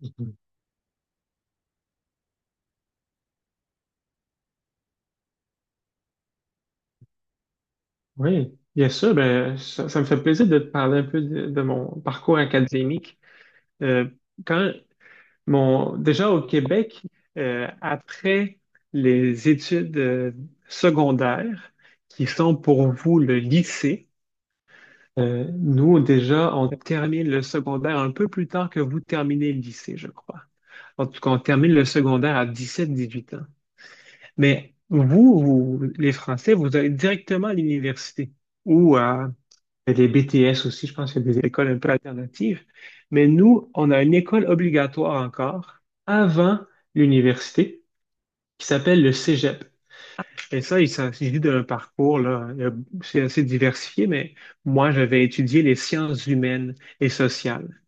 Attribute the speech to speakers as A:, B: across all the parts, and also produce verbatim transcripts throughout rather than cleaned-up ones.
A: Mhm. Oui, bien sûr. Ben, ça, ça me fait plaisir de te parler un peu de, de mon parcours académique. Euh, quand mon, déjà au Québec, euh, après les études euh, secondaires, qui sont pour vous le lycée. Euh, nous déjà, on termine le secondaire un peu plus tard que vous terminez le lycée, je crois. En tout cas, on termine le secondaire à dix-sept, dix-huit ans. Mais vous, vous, les Français, vous allez directement à l'université ou à… Il y a des B T S aussi, je pense qu'il y a des écoles un peu alternatives. Mais nous, on a une école obligatoire encore avant l'université qui s'appelle le Cégep. Et ça, il s'agit d'un parcours, là, il y a- c'est assez diversifié, mais moi, j'avais étudié les sciences humaines et sociales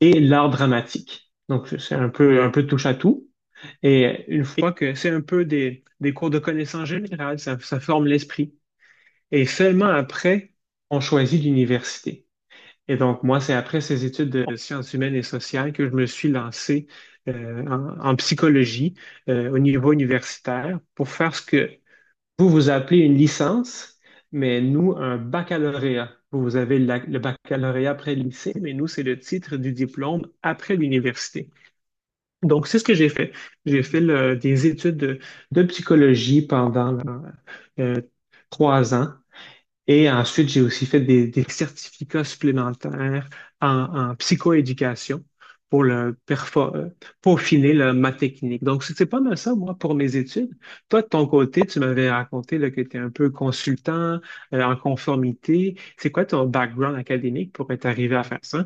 A: et l'art dramatique. Donc, c'est un peu, un peu touche à tout. Et une fois que c'est un peu des, des cours de connaissances générales, ça ça forme l'esprit. Et seulement après, on choisit l'université. Et donc, moi, c'est après ces études de sciences humaines et sociales que je me suis lancé euh, en, en psychologie euh, au niveau universitaire pour faire ce que vous, vous appelez une licence, mais nous, un baccalauréat. Vous, vous avez la- le baccalauréat après le lycée, mais nous, c'est le titre du diplôme après l'université. Donc, c'est ce que j'ai fait. J'ai fait le- des études de, de psychologie pendant euh, euh, trois ans et ensuite, j'ai aussi fait des, des certificats supplémentaires en, en psychoéducation pour le perfo- euh, peaufiner le- ma technique. Donc, c'est c'est pas mal ça, moi, pour mes études. Toi, de ton côté, tu m'avais raconté là, que tu es un peu consultant, euh, en conformité. C'est quoi ton background académique pour être arrivé à faire ça?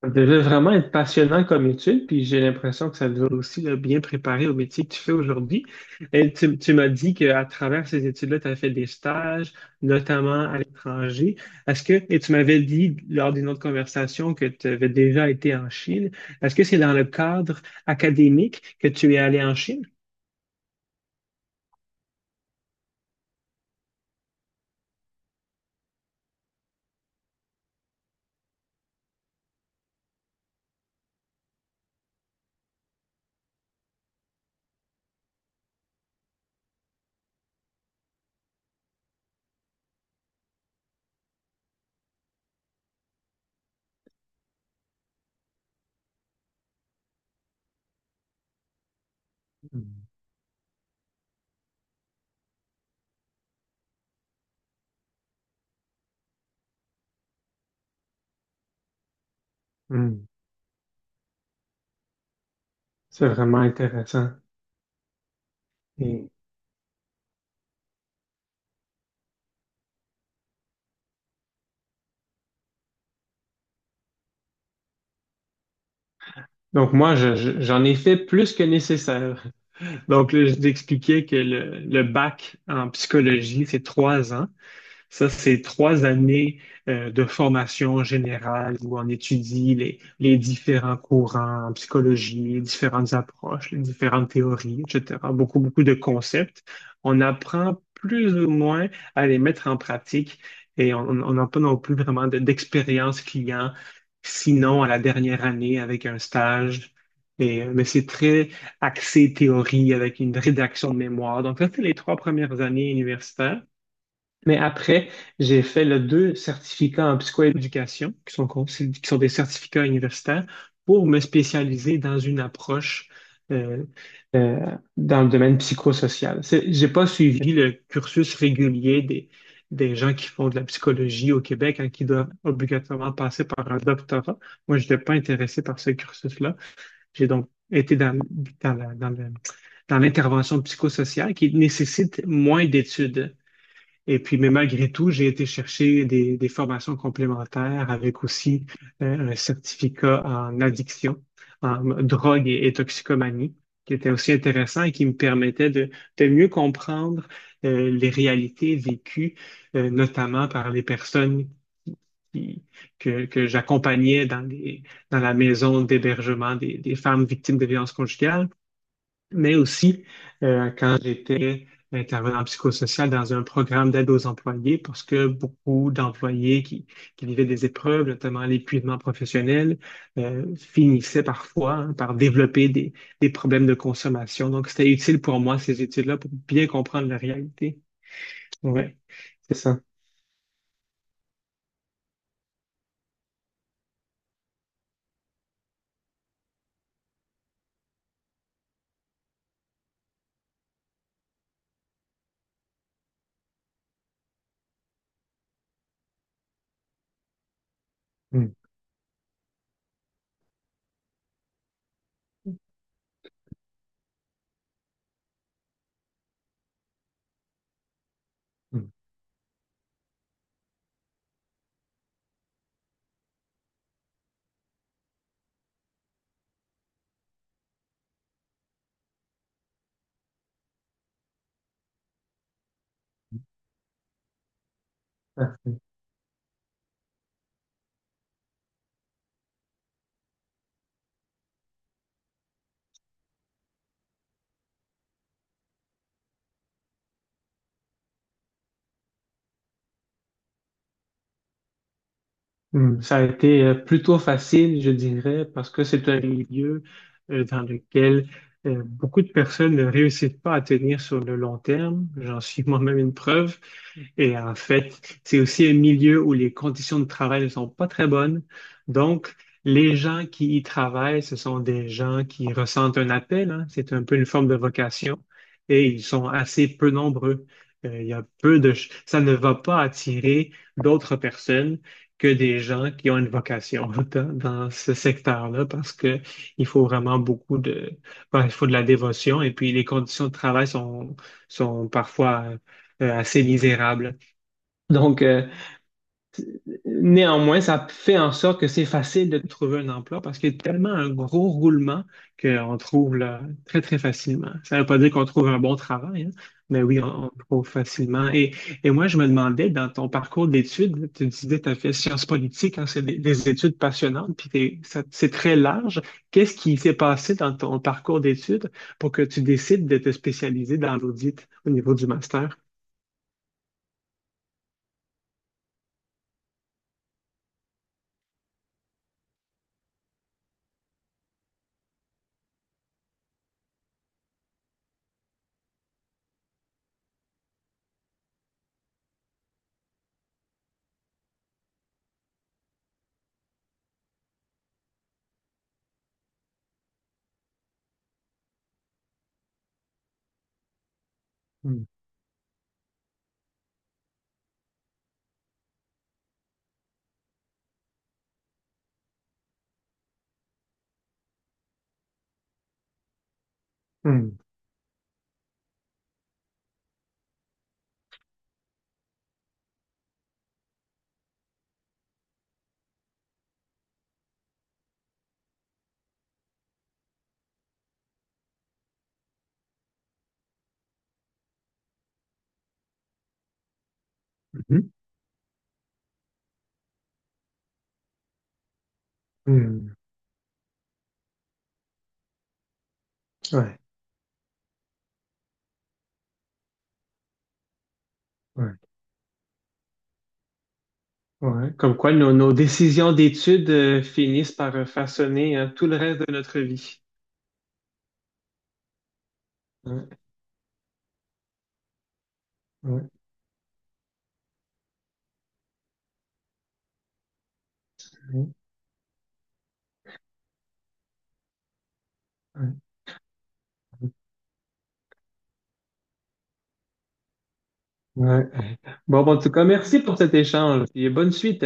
A: Ça devait vraiment être passionnant comme étude, puis j'ai l'impression que ça devait aussi là, bien préparer au métier que tu fais aujourd'hui. Et tu, tu m'as dit qu'à travers ces études-là, tu as fait des stages, notamment à l'étranger. Est-ce que, et tu m'avais dit lors d'une autre conversation que tu avais déjà été en Chine. Est-ce que c'est dans le cadre académique que tu es allé en Chine? Mm. Mm. C'est vraiment intéressant. Et donc moi, je- je- j'en ai fait plus que nécessaire. Donc là, je t'expliquais que le, le bac en psychologie, c'est trois ans. Ça, c'est trois années euh, de formation générale où on étudie les, les différents courants en psychologie, les différentes approches, les différentes théories, et cétéra. Beaucoup, beaucoup de concepts. On apprend plus ou moins à les mettre en pratique et on on n'a pas non plus vraiment de- d'expérience client, sinon à la dernière année avec un stage. Et, euh, mais c'est très axé théorie avec une rédaction de mémoire. Donc, ça, c'est les trois premières années universitaires. Mais après, j'ai fait le deux certificats en psychoéducation, qui sont, con- qui sont des certificats universitaires, pour me spécialiser dans une approche euh, euh, dans le domaine psychosocial. C'est- J'ai pas suivi le cursus régulier des, des gens qui font de la psychologie au Québec, hein, qui doivent obligatoirement passer par un doctorat. Moi, je n'étais pas intéressé par ce cursus-là. J'ai donc été dans, dans la- dans le- dans l'intervention psychosociale qui nécessite moins d'études. Et puis, mais malgré tout, j'ai été chercher des, des formations complémentaires avec aussi euh, un certificat en addiction, en drogue et, et toxicomanie, qui était aussi intéressant et qui me permettait de, de mieux comprendre euh, les réalités vécues, euh, notamment par les personnes qui- que, que j'accompagnais dans les- dans la maison d'hébergement des, des femmes victimes de violences conjugales mais aussi euh, quand j'étais intervenant psychosocial dans un programme d'aide aux employés, parce que beaucoup d'employés qui, qui vivaient des épreuves, notamment l'épuisement professionnel, euh, finissaient parfois hein, par développer des, des problèmes de consommation. Donc, c'était utile pour moi, ces études-là, pour bien comprendre la réalité. Ouais, c'est ça. Mm, mm. Hmm, ça a été euh, plutôt facile, je dirais, parce que c'est un milieu euh, dans lequel euh, beaucoup de personnes ne réussissent pas à tenir sur le long terme. J'en suis moi-même une preuve. Et en fait, c'est aussi un milieu où les conditions de travail ne sont pas très bonnes. Donc, les gens qui y travaillent, ce sont des gens qui ressentent un appel, hein. C'est un peu une forme de vocation et ils sont assez peu nombreux. Euh, il y a peu de… ch- Ça ne va pas attirer d'autres personnes que des gens qui ont une vocation dans, dans ce secteur-là parce que il faut vraiment beaucoup de… Ben, il faut de la dévotion et puis les conditions de travail sont, sont parfois euh, assez misérables. Donc, euh, néanmoins, ça fait en sorte que c'est facile de trouver un emploi parce qu'il y a tellement un gros roulement qu'on trouve là, très, très facilement. Ça ne veut pas dire qu'on trouve un bon travail, hein, mais oui, on, on trouve facilement. Et, et moi, je me demandais, dans ton parcours d'études, tu disais que tu as fait sciences politiques, hein, c'est des, des études passionnantes, puis t'es- ça- c'est très large. Qu'est-ce qui s'est passé dans ton parcours d'études pour que tu décides de te spécialiser dans l'audit au niveau du master? Hmm, hmm, mhm. Hmm. Ouais, ouais. Ouais, comme quoi nos, nos décisions d'études euh, finissent par euh, façonner hein, tout le reste de notre vie. Ouais, ouais, ouais, ouais, ouais. Bon, en tout cas, merci pour cet échange et bonne suite.